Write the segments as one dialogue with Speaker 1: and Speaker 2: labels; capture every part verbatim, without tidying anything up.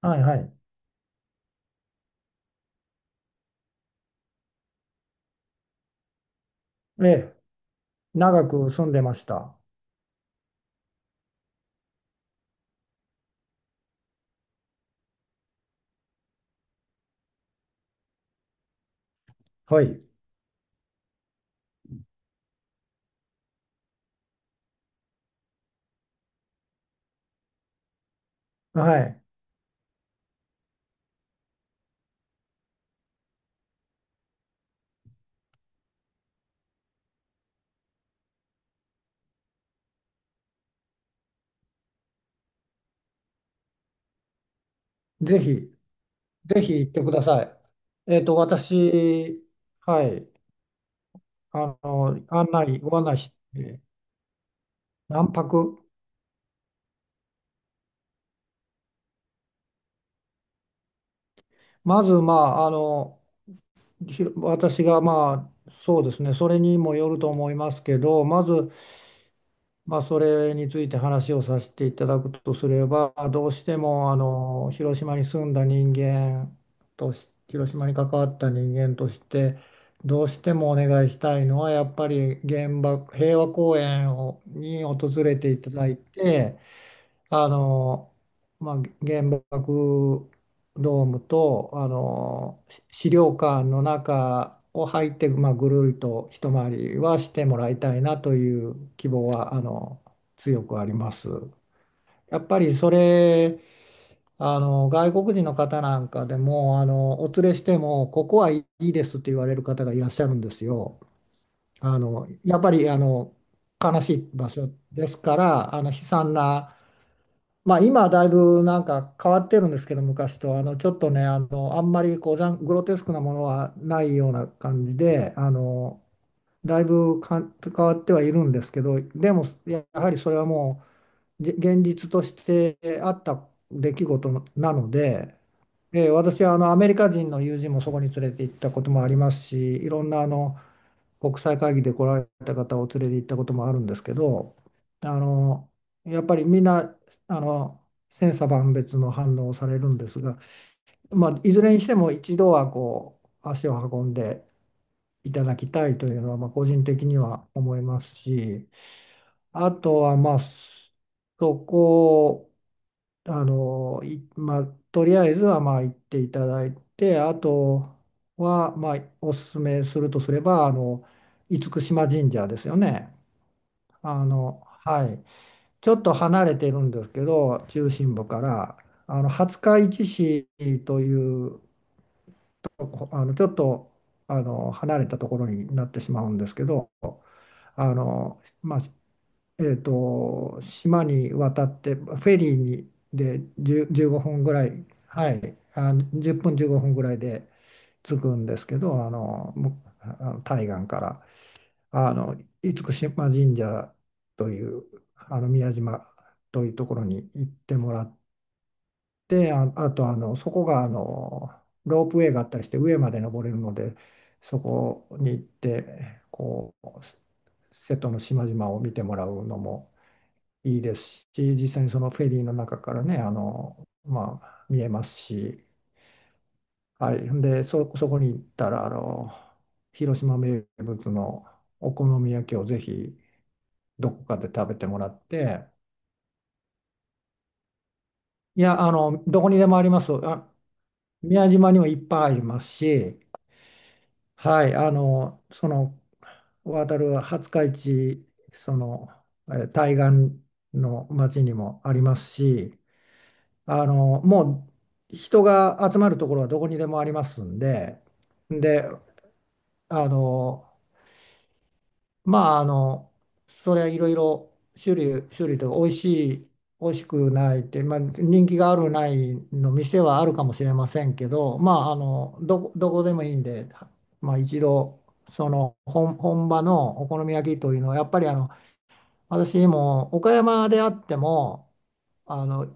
Speaker 1: はいはい。ええ、長く住んでました。はい。はい。ぜひ、ぜひ行ってください。えっと、私、はい、あの、案内、ご案内して、何泊。まず、まあ、あの、ひろ私が、まあ、そうですね、それにもよると思いますけど、まず、まあ、それについて話をさせていただくとすれば、どうしてもあの広島に住んだ人間とし、広島に関わった人間として、どうしてもお願いしたいのは、やっぱり原爆、平和公園をに訪れていただいて、あの、まあ、原爆ドームとあのし資料館の中を入って、まあ、ぐるりと一回りはしてもらいたいなという希望はあの強くあります。やっぱりそれあの外国人の方なんかでもあのお連れしてもここはいいですって言われる方がいらっしゃるんですよ。あのやっぱりあの悲しい場所ですからあの悲惨なまあ、今はだいぶなんか変わってるんですけど、昔と、あのちょっとね、あの、あんまりこうざんグロテスクなものはないような感じで、あのだいぶかん変わってはいるんですけど、でもややはりそれはもう、じ現実としてあった出来事なので、ええ私はあのアメリカ人の友人もそこに連れて行ったこともありますし、いろんなあの国際会議で来られた方を連れて行ったこともあるんですけど、あのやっぱりみんなあの千差万別の反応をされるんですが、まあ、いずれにしても一度はこう足を運んでいただきたいというのはまあ個人的には思いますし、あとはまあそこあの、い、まあ、とりあえずはまあ行っていただいて、あとはまあおすすめするとすれば、あの、厳島神社ですよね。あの、はい。ちょっと離れてるんですけど、中心部から、あの、廿日市市という、あの、ちょっと、あの、離れたところになってしまうんですけど、あの、まあ、えっと、島に渡ってフェリーにでじっ、いっぷんぐらい、はい、あ、いっぷんじゅうごふんぐらいで着くんですけど、あの、むあの対岸から、あの、厳島神社という、あの、宮島というところに行ってもらって、あ、あと、あの、そこが、あの、ロープウェイがあったりして上まで登れるので、そこに行って、こう、瀬戸の島々を見てもらうのも、いいですし、実際にそのフェリーの中からね、あの、まあ、見えますし、はい。で、そ、そこに行ったら、あの、広島名物のお好み焼きをぜひどこかで食べてもらって、いや、あの、どこにでもあります。あ、宮島にもいっぱいありますし、はい、あの、その、渡る廿日市、その、えー対岸の町にもありますし、あの、もう人が集まるところはどこにでもありますんで、で、あの、まあ、あの、それはいろいろ種類、種類とか、美味しい、美味しくないって、まあ、人気があるないの店はあるかもしれませんけど、まあ、あの、どこ、どこでもいいんで、まあ、一度、その本、本場のお好み焼きというのは、やっぱりあの、私も岡山であっても、あの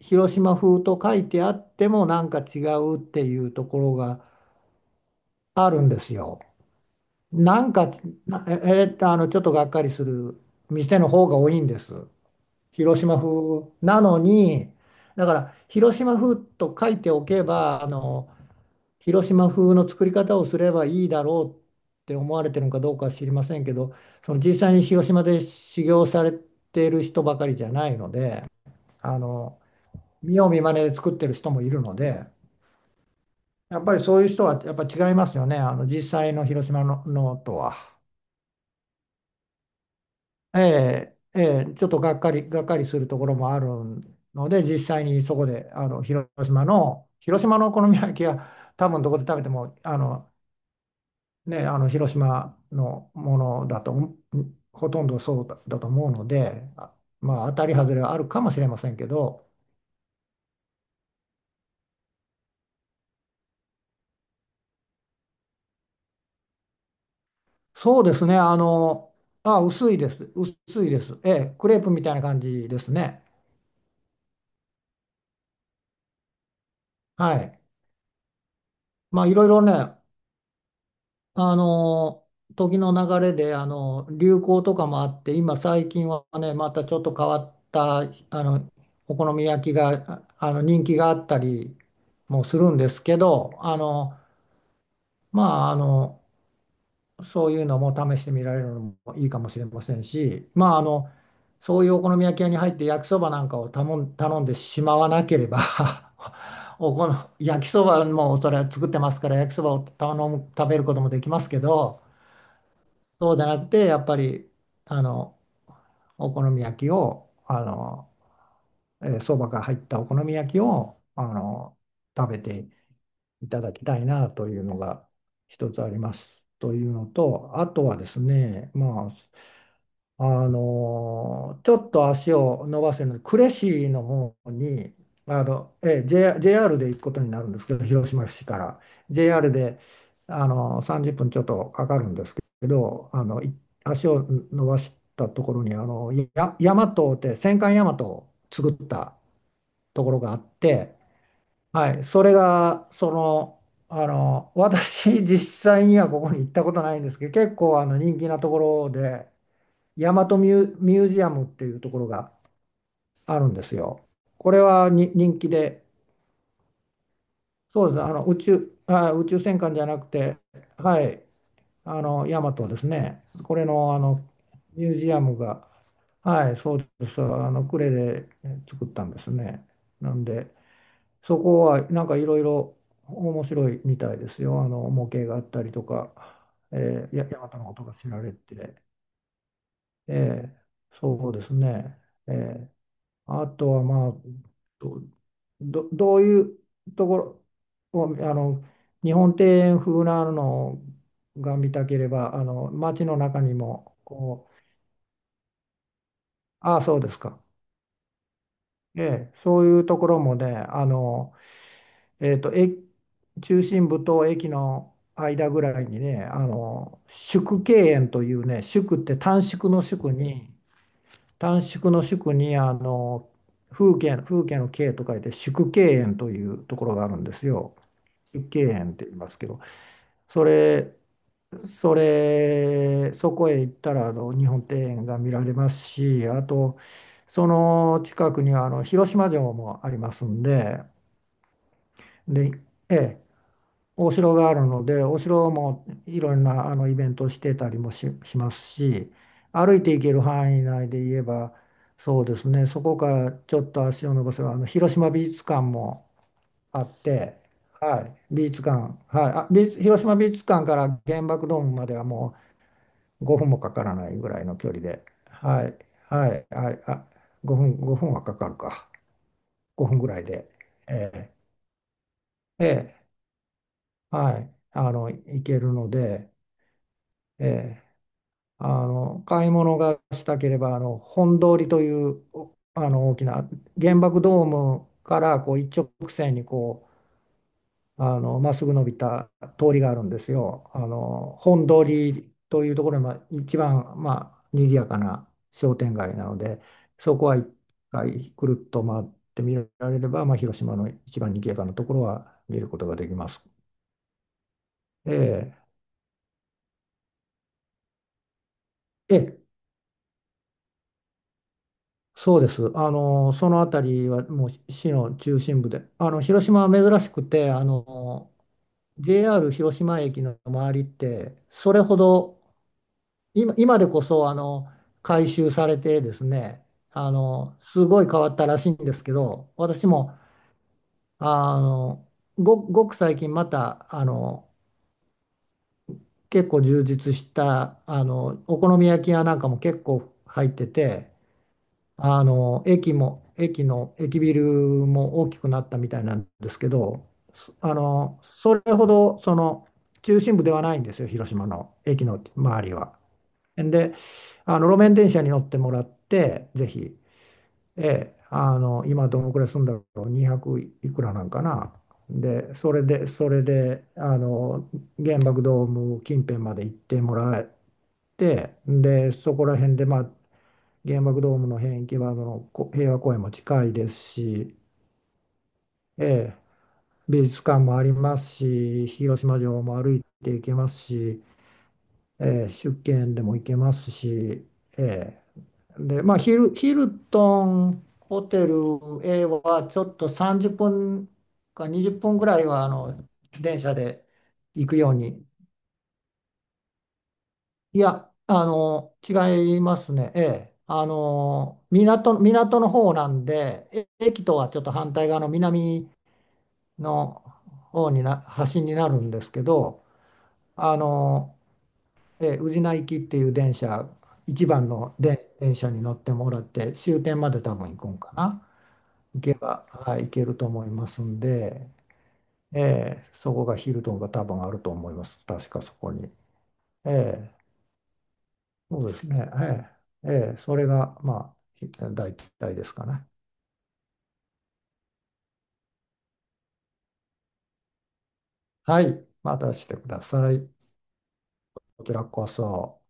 Speaker 1: 広島風と書いてあってもなんか違うっていうところがあるんですよ。なんか、なえ、えと、あの、ちょっとがっかりする店の方が多いんです。広島風なのに、だから広島風と書いておけば、あの、広島風の作り方をすればいいだろうって思われてるのかどうかは知りませんけど、その実際に広島で修行されている人ばかりじゃないので、あの、見よう見まねで作ってる人もいるので、やっぱりそういう人はやっぱ違いますよね、あの実際の広島の、のとは。ええええちょっとがっかり、がっかりするところもあるので、実際にそこであの広島の、広島のお好み焼きは多分どこで食べても、あのね、あの広島のものだと、うんほとんどそうだ、だと思うので、あまあ当たり外れはあるかもしれませんけど、そうですね、あの、あ、薄いです、薄いです、ええ、クレープみたいな感じですね。はい。まあいろいろね、あの、時の流れで、あの、流行とかもあって、今最近はね、またちょっと変わった、あの、お好み焼きが、ああの、人気があったりもするんですけど、あの、まあ、あの、そういうのも試してみられるのもいいかもしれませんし、まあ、あの、そういうお好み焼き屋に入って焼きそばなんかを頼ん、頼んでしまわなければ おこの焼きそばもそれは作ってますから焼きそばを頼む、食べることもできますけど、そうじゃなくてやっぱりあのお好み焼きをあの、えー、そばが入ったお好み焼きをあの食べていただきたいなというのが一つありますというのと、あとはですね、まあ、あの、ちょっと足を伸ばせるので、呉市の方に、あの、え、J- ジェイアール で行くことになるんですけど、広島市から ジェイアール であのさんじゅっぷんちょっとかかるんですけど、あの、い足を伸ばしたところに、あの、や、大和って戦艦大和を作ったところがあって、はい、それが、その、あの、私、実際にはここに行ったことないんですけど、結構あの人気なところで、大和ミュー、ミュージアムっていうところがあるんですよ。これはに人気で、そうですねあの宇宙、あ、宇宙戦艦じゃなくて、はい、あの、大和ですね、これの、あのミュージアムが、はい、そうです、あの、呉でえ作ったんですね。なんで、そこはなんかいろいろ面白いみたいですよ。あの模型があったりとか、えー、や大和のことが知られて、えーそうですね、えーあとはまあど、ど、どういうところをあの日本庭園風なのが見たければあの街の中にもこうああそうですか、ええそういうところもねあのえっと、え、中心部と駅の間ぐらいにね、あの、縮景園というね、縮って短縮の縮に、短縮の縮に、あの、風景、風景の景と書いて縮景園というところがあるんですよ。縮景園って言いますけど、それ、それ、そこへ行ったら、あの、日本庭園が見られますし、あと、その近くには、あの、広島城もありますんで、で、ええお城があるので、お城もいろんなあのイベントをしてたりもし、しますし、歩いて行ける範囲内で言えば、そうですね、そこからちょっと足を伸ばせば、あの広島美術館もあって、はい、美術館、はい、あ、美術広島美術館から原爆ドームまではもうごふんもかからないぐらいの距離で、はい、はい、はい、あ、ごふん、ごふんはかかるか、ごふんぐらいで、ええええはい、あの、行けるので、ええあの買い物がしたければあの本通りというおあの大きな原爆ドームからこう一直線にこうあのまっすぐ伸びた通りがあるんですよ。あの本通りというところが一番、まあ、賑やかな商店街なのでそこは一回くるっと回って見られれば、まあ、広島の一番賑やかなところは見ることができます。ええええそうです。あの、そのあたりはもう市の中心部で、あの、広島は珍しくて、あの、ジェイアール 広島駅の周りって、それほど、今、今でこそ、あの、改修されてですね、あの、すごい変わったらしいんですけど、私も、あの、ご、ごく最近また、あの、結構充実した、あの、お好み焼き屋なんかも結構入ってて、あの駅も駅の駅ビルも大きくなったみたいなんですけど、そあのそれほどその中心部ではないんですよ、広島の駅の周りは。で、あの路面電車に乗ってもらって、ぜひ、ええあの今どのくらい住んだろう、にひゃくいくらなんかな。で、それで、それで、あの原爆ドーム近辺まで行ってもらって、で、そこら辺で、まあ、原爆ドームの辺行けばあのこ平和公園も近いですし、ええ、美術館もありますし、広島城も歩いて行けますし、ええ、出見でも行けますし、ええ、で、まあヒル、ヒルトンホテル A はちょっとさんじゅっぷんかにじゅっぷんぐらいはあの電車で行くようにいや、あの、違いますね。ええ。あの、港、港の方なんで、え駅とはちょっと反対側の南の方にな、端になるんですけど、あの、ええ、宇品行きっていう電車、一番ので電車に乗ってもらって、終点まで多分行くんかな。行けば、はい、行けると思いますんで、ええ、そこがヒルトンが多分あると思います。確かそこに。ええ。そうですね。ええ、ええ、それが、まあ、ひ大体ですかね。はい。またしてください。こちらこそ。